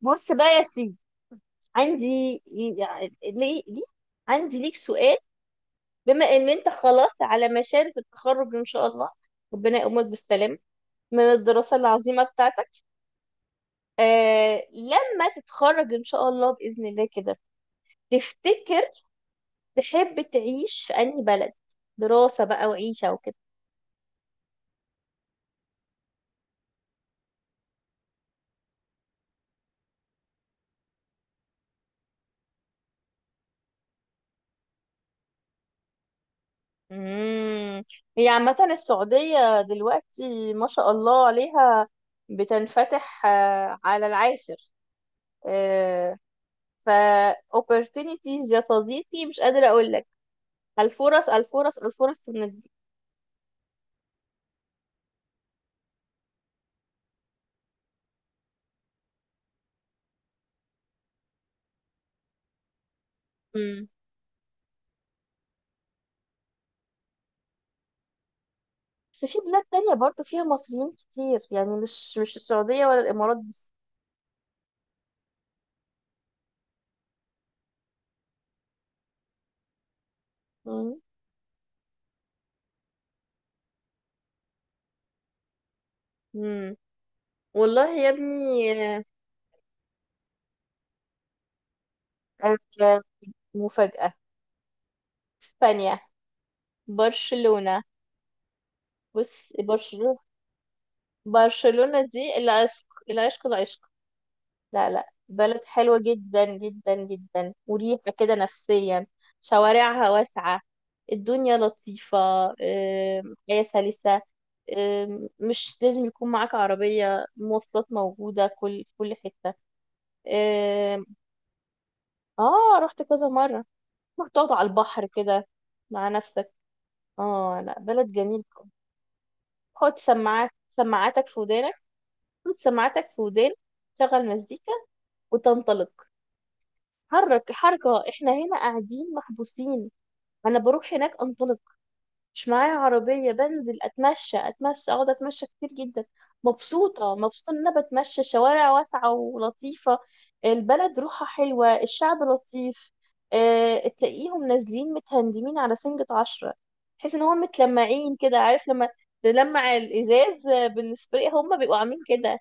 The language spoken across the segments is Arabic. بص بقى يا سيدي، عندي، يعني ليه ليه عندي ليك سؤال. بما ان انت خلاص على مشارف التخرج ان شاء الله، ربنا يقومك بالسلامة من الدراسة العظيمة بتاعتك. لما تتخرج ان شاء الله بإذن الله كده، تفتكر تحب تعيش في انهي بلد؟ دراسة بقى وعيشة وكده. امم هي عامة السعودية دلوقتي ما شاء الله عليها، بتنفتح على العاشر. آه، ف opportunities يا صديقي، مش قادرة أقول لك الفرص الفرص الفرص دي. امم بس في بلاد تانية برضو فيها مصريين كتير، يعني مش السعودية ولا الإمارات بس. مم. امم والله يا ابني. آه، آه، مفاجأة! إسبانيا. برشلونة. بص، برشلونة. برشلونة دي العشق العشق العشق. لا لا، بلد حلوة جدا جدا جدا، مريحة كده نفسيا. شوارعها واسعة. الدنيا لطيفة. حياة سلسة. مش لازم يكون معاك عربية، مواصلات موجودة في كل حتة. آم، اه، رحت كذا مرة. رحت تقعد على البحر كده مع نفسك. اه لا، بلد جميل. حط سماعاتك في ودانك. حط سماعاتك في ودانك. شغل مزيكا وتنطلق. حرك حركة، احنا هنا قاعدين محبوسين. انا بروح هناك انطلق. مش معايا عربية، بنزل اتمشى اتمشى اقعد اتمشى كتير جدا. مبسوطة مبسوطة ان انا بتمشى شوارع واسعة ولطيفة. البلد روحها حلوة، الشعب لطيف. اه، تلاقيهم نازلين متهندمين على سنجة عشرة. تحس ان هم متلمعين كده، عارف لما تلمع الازاز بالسبراي، هم بيبقوا عاملين كده.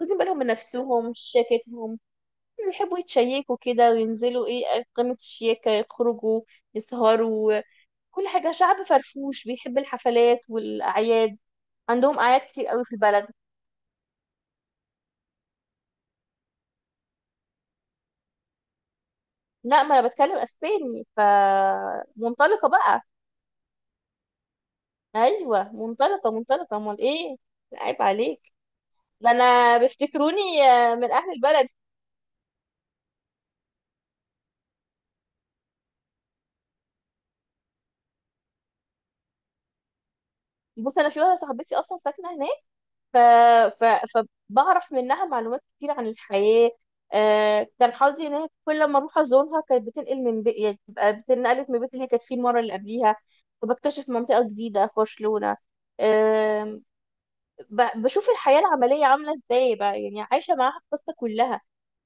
واخدين بالهم من نفسهم، شاكتهم. بيحبوا يتشيكوا كده وينزلوا ايه قمة الشياكة، يخرجوا يسهروا كل حاجة. شعب فرفوش، بيحب الحفلات والأعياد. عندهم أعياد كتير قوي في البلد. لا، ما أنا بتكلم أسباني فمنطلقة بقى. أيوة منطلقة منطلقة، أمال إيه. لا، عيب عليك. ده أنا بيفتكروني من أهل البلد. بص، أنا في واحدة صاحبتي أصلا ساكنة هناك. ف... ف... فبعرف منها معلومات كتير عن الحياة. كان حظي ان هي كل ما اروح ازورها كانت بتنقل يعني بتنقلت من البيت اللي هي كانت فيه المرة اللي قبليها. فبكتشف منطقة جديدة في برشلونة. آم، بشوف الحياة العملية عاملة ازاي بقى، يعني عايشة معاها القصة كلها.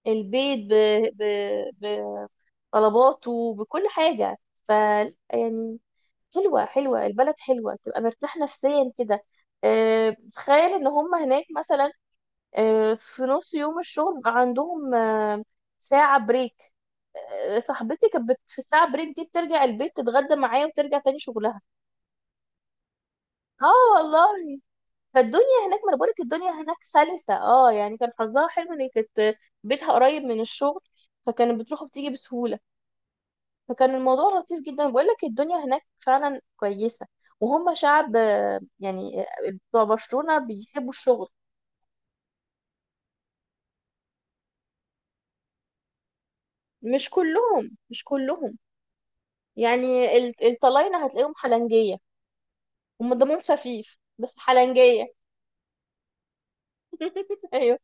البيت ب... ب... طلباته بكل حاجة. ف يعني، حلوة، حلوة البلد حلوة، تبقى مرتاح نفسيا كده. تخيل ان هم هناك مثلا، في نص يوم الشغل بقى عندهم ساعة بريك. صاحبتي كانت في الساعة بريك دي بترجع البيت تتغدى معايا وترجع تاني شغلها. اه والله. فالدنيا هناك، ما انا بقولك الدنيا هناك سلسة، يعني كان حظها حلو ان هي كانت بيتها قريب من الشغل، فكانت بتروح وبتيجي بسهولة. فكان الموضوع لطيف جدا، بقولك الدنيا هناك فعلا كويسة. وهم شعب يعني بتوع برشلونة بيحبوا الشغل. مش كلهم، مش كلهم. يعني الطلاينة هتلاقيهم حلنجية، هم دمهم خفيف بس حلنجية. ايوه.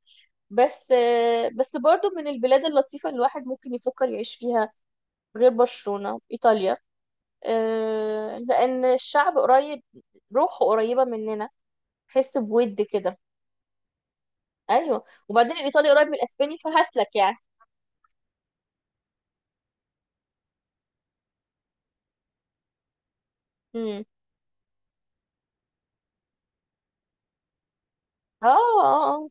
بس بس برضو من البلاد اللطيفة اللي الواحد ممكن يفكر يعيش فيها غير برشلونة، إيطاليا، لأن الشعب قريب، روحه قريبة مننا، حس بود كده. أيوه، وبعدين الإيطالي قريب من الأسباني فهسلك يعني. مم. اه آه،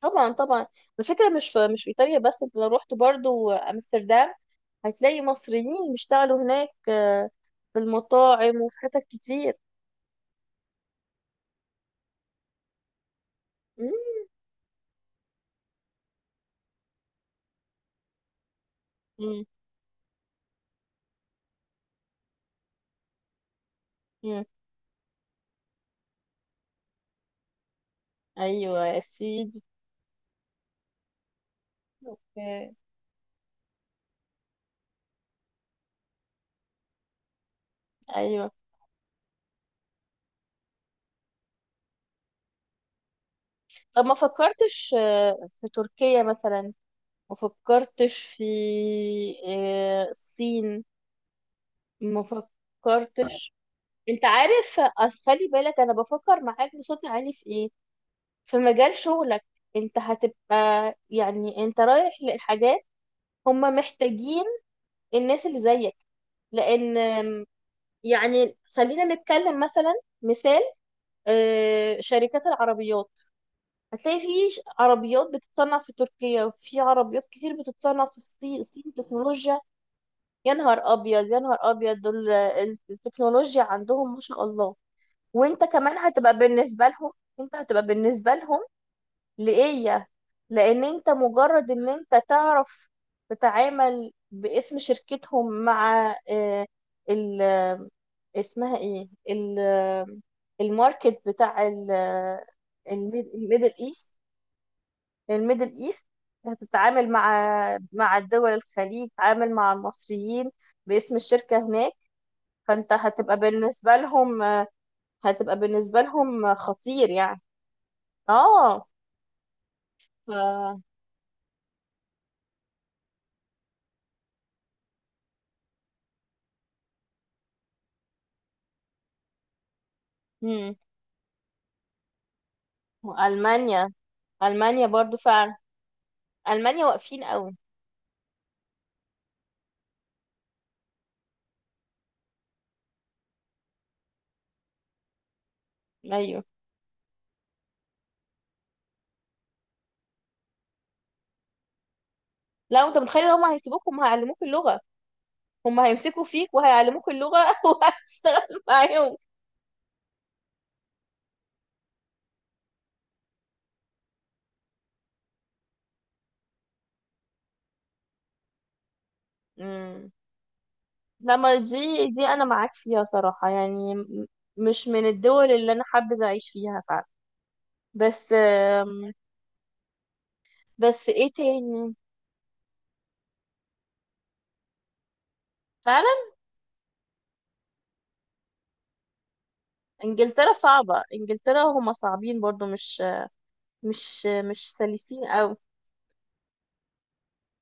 طبعا طبعا، الفكرة مش في إيطاليا بس. انت لو رحت برضو أمستردام هتلاقي مصريين بيشتغلوا هناك في المطاعم وفي حتت كتير. مم، مم، مم. أيوة يا سيدي. آه، أيوة، طب ما فكرتش في تركيا مثلا. ما فكرتش في الصين. ما فكرتش. انت عارف، أصل خلي بالك انا بفكر معاك بصوت عالي في ايه، في مجال شغلك. انت هتبقى، يعني انت رايح لحاجات هم محتاجين الناس اللي زيك. لان يعني خلينا نتكلم مثلا. مثال، شركات العربيات، هتلاقي في عربيات بتتصنع في تركيا، وفي عربيات كتير بتتصنع في الصين. الصين تكنولوجيا. يا نهار ابيض، يا نهار ابيض، دول التكنولوجيا عندهم ما شاء الله. وانت كمان هتبقى بالنسبة لهم، انت هتبقى بالنسبة لهم لإيه؟ لأن أنت مجرد إن أنت تعرف تتعامل باسم شركتهم مع آه، ال آه، اسمها إيه الماركت بتاع الميدل إيست. الميدل إيست هتتعامل مع الدول الخليج، تتعامل مع المصريين باسم الشركة هناك. فأنت هتبقى بالنسبة لهم، هتبقى بالنسبة لهم خطير يعني. اه. ف... مم. وألمانيا، ألمانيا برضو فعلا، ألمانيا واقفين قوي. أيوه، لا أنت متخيل، هم هيسيبوك، هم هيعلموك اللغة، هم هيمسكوا فيك وهيعلموك اللغة وهتشتغل معاهم. امم لما، دي أنا معاك فيها صراحة. يعني مش من الدول اللي أنا حابة أعيش فيها فعلا، بس بس إيه تاني؟ فعلا، إنجلترا صعبة، إنجلترا هم صعبين برضو، مش سلسين قوي.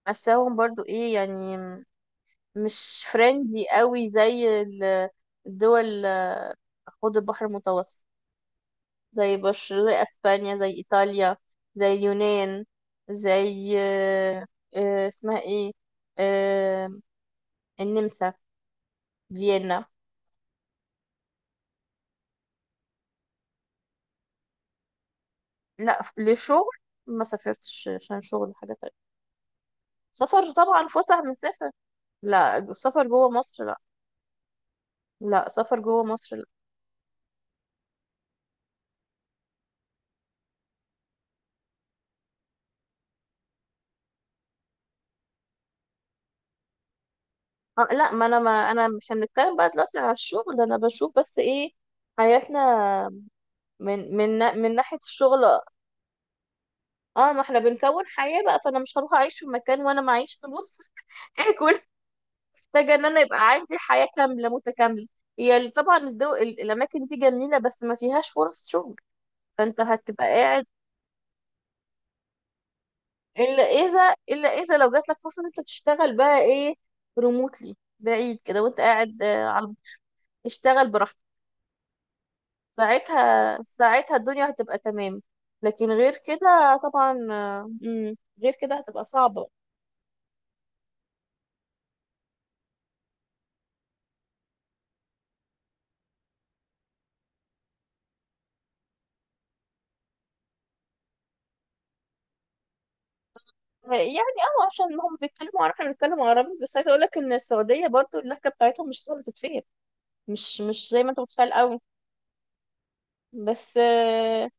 بس هم برضو إيه يعني، مش فريندي قوي زي الدول حوض البحر المتوسط. زي بشر، زي اسبانيا، زي ايطاليا، زي اليونان، زي اسمها ايه، آه، النمسا، فيينا. لا، لشغل ما سافرتش، عشان شغل حاجة تانية. سفر طبعا، فسح من سفر. لا السفر جوه مصر، لا. لا سفر جوه مصر لا. لا، ما انا مش هنتكلم بقى دلوقتي على الشغل. انا بشوف بس ايه، حياتنا من ناحية الشغل. اه، ما احنا بنكون حياة بقى، فانا مش هروح اعيش في مكان وانا معيش فلوس اكل. محتاجة ان انا يبقى عندي حياة كاملة متكاملة. هي طبعا الاماكن دي جميلة، بس ما فيهاش فرص شغل، فانت هتبقى قاعد. الا اذا لو جات لك فرصة ان انت تشتغل بقى ايه، ريموتلي، بعيد كده، وانت قاعد على، اشتغل براحتك. ساعتها الدنيا هتبقى تمام. لكن غير كده طبعا. غير كده هتبقى صعبة. يعني عشان هم بيتكلموا عربي احنا بنتكلم عربي، بس عايزه اقول لك ان السعوديه برضو اللهجه بتاعتهم مش سهله تتفهم، مش زي ما انت متخيل قوي. بس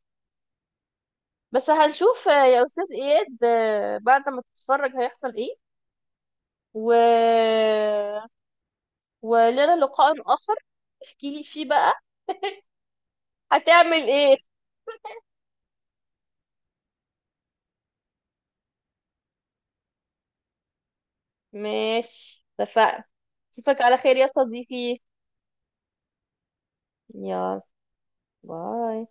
بس هنشوف يا استاذ اياد بعد ما تتفرج هيحصل ايه. و ولنا لقاء اخر احكي لي فيه بقى هتعمل ايه. ماشي، اتفقنا. اشوفك على خير يا صديقي. يلا، باي.